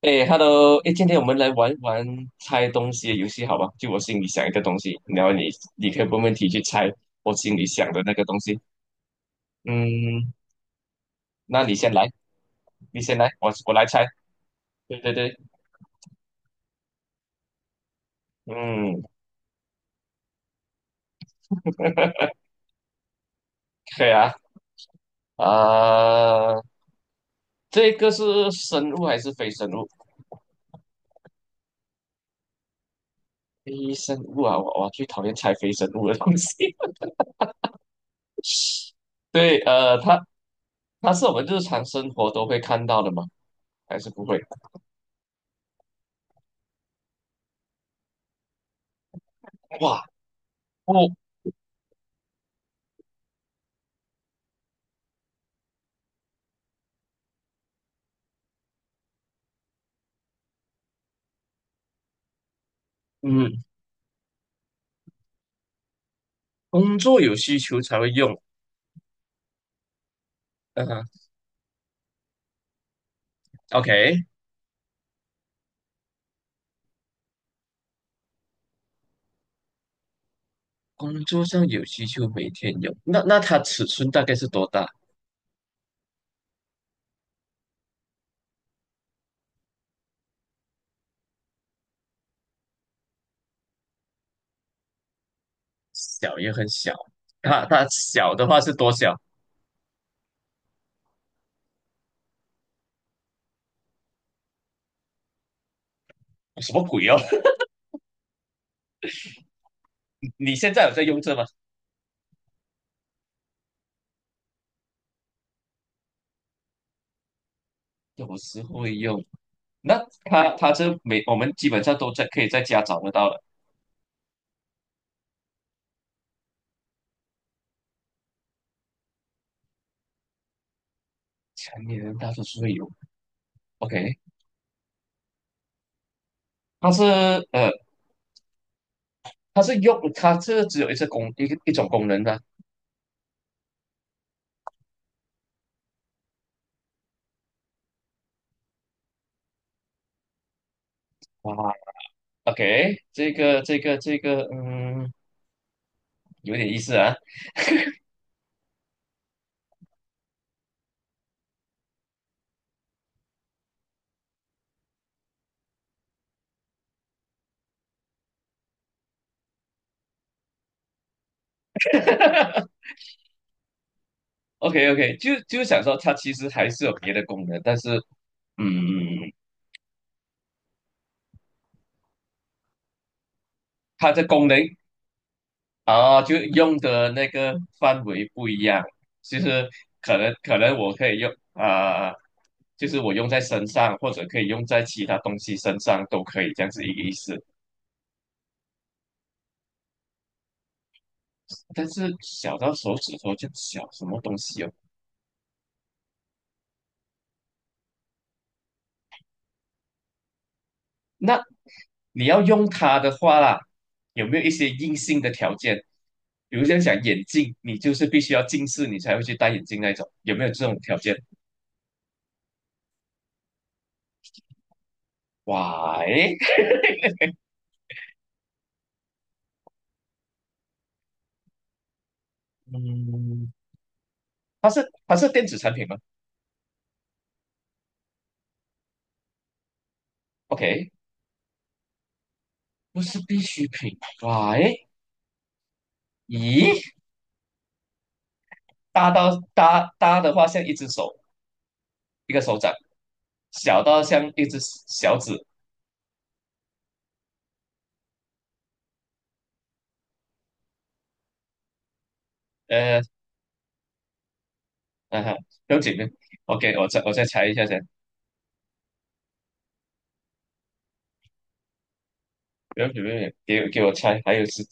哎，Hello，哎，今天我们来玩玩猜东西的游戏，好吧？就我心里想一个东西，然后你可以问问题去猜我心里想的那个东西。嗯，那你先来，你先来，我来猜。对对对，嗯，可以啊。啊、这个是生物还是非生物？非生物啊，我最讨厌猜非生物的东西。对，它它是我们日常生活都会看到的吗？还是不会？哇，不，嗯，工作有需求才会用。嗯。OK，工作上有需求，每天有。那那它尺寸大概是多大？小也很小。它它小的话是多小？什么鬼哦？你现在有在用这吗？有时会用。那它它这每我们基本上都在可以在家找得到了，成年人大多数会有。OK，它是呃它是用它这只有一次功一个一种功能的。哇，OK，这个这个这个嗯有点意思啊。OK OK，就想说它其实还是有别的功能，但是嗯，它的功能啊，就用的那个范围不一样，就是可能我可以用啊、就是我用在身上，或者可以用在其他东西身上都可以，这样子一个意思。但是小到手指头就小，什么东西哦？那你要用它的话啦，有没有一些硬性的条件？比如像讲眼镜，你就是必须要近视，你才会去戴眼镜那种，有没有这种条件？w h y 嗯，它是电子产品吗？OK，不是必需品。Why？咦，大到大的话像一只手，一个手掌，小到像一只小指，呃，嗯、啊，不用紧的。OK，我再猜一下先。不要不便给我猜，还有是，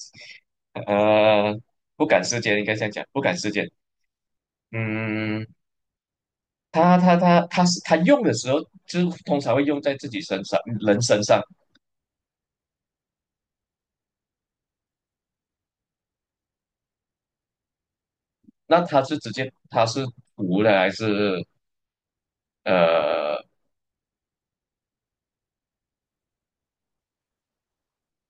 呃，不赶时间，应该这样讲，不赶时间。嗯，他是他用的时候，就通常会用在自己身上，人身上。那他是直接他是涂的还是呃？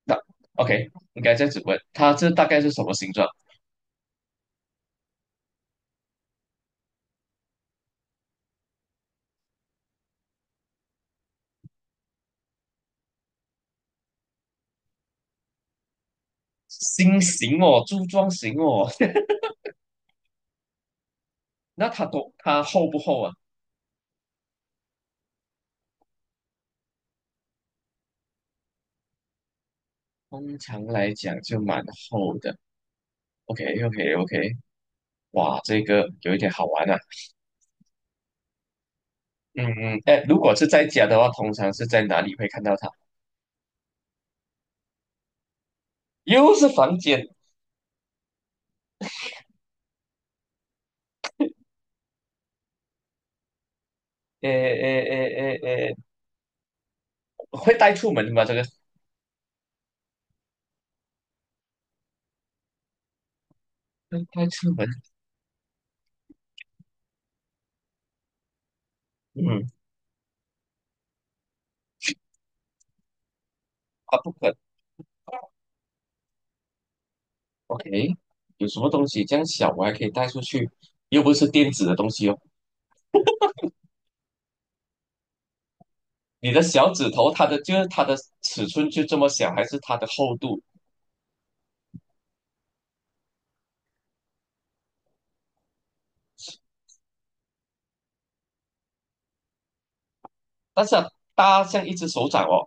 那 OK，应该这样子问，他这大概是什么形状？心形哦，柱状形哦。那它多它厚不厚啊？通常来讲就蛮厚的。OK OK OK，哇，这个有一点好玩啊。嗯嗯，哎，如果是在家的话，通常是在哪里会看到它？又是房间，哎哎哎哎哎，会带出门吗？这个会带出门？嗯，啊，不可，OK，有什么东西这样小我还可以带出去？又不是电子的东西哦。你的小指头，它的就是它的尺寸就这么小，还是它的厚度？但是啊大像一只手掌哦，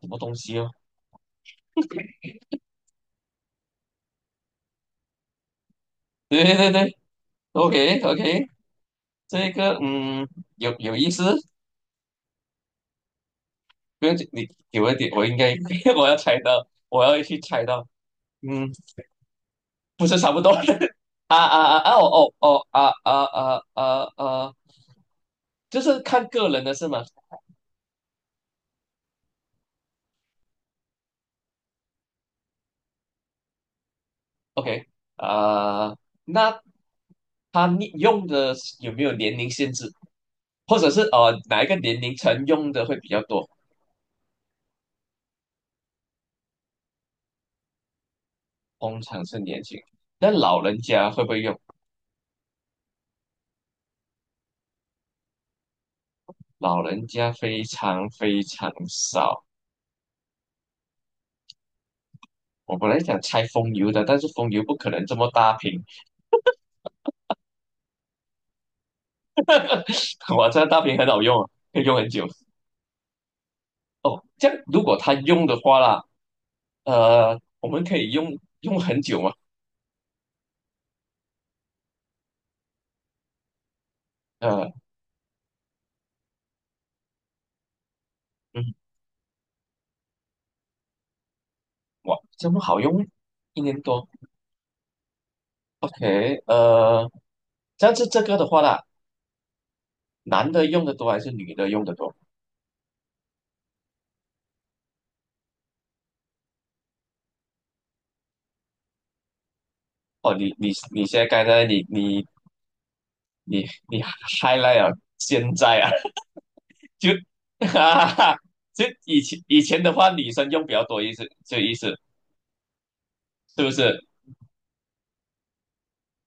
什么东西哦？对对对，OK OK，这个嗯，有有意思，不用紧，你给我一点，我应该 我要猜到，我要去猜到，嗯，不是差不多的 啊啊啊啊哦哦哦啊啊啊啊啊，就是看个人的是吗？OK 啊、那他你用的有没有年龄限制，或者是哪一个年龄层用的会比较多？通常是年轻，但老人家会不会用？老人家非常非常少。我本来想拆风油的，但是风油不可能这么大瓶。这站大屏很好用啊，可以用很久。哦，这样如果他用的话啦，呃，我们可以用用很久嘛？呃，嗯，哇，这么好用，一年多。OK，这样子这个的话啦，男的用的多还是女的用的多？哦，你现在刚才你你 highlight 啊，现在啊，就 哈哈哈，就以前的话，女生用比较多意思，这意思是不是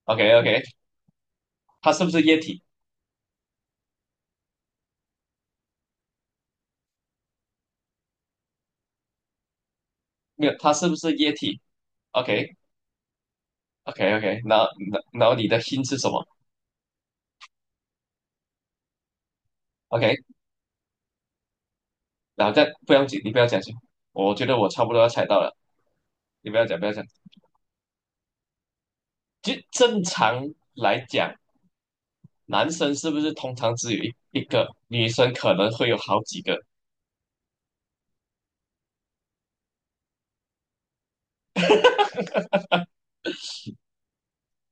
？OK OK，它是不是液体？没有，它是不是液体？OK OK OK，然后然后你的心是什么？OK，然后再不要紧，你不要讲先，我觉得我差不多要猜到了，你不要讲不要讲，就正常来讲，男生是不是通常只有一个，女生可能会有好几个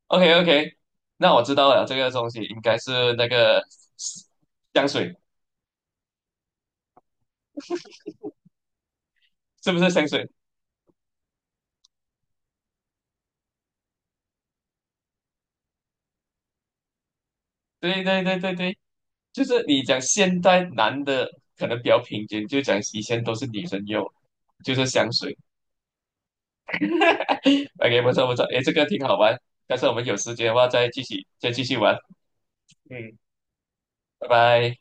？OK OK，那我知道了，这个东西应该是那个香水，是不是香水？对对对对对，就是你讲现在男的可能比较平均，就讲以前都是女生用，就是香水。OK，不错不错，诶，这个挺好玩，但是我们有时间的话再继续玩。嗯，拜拜。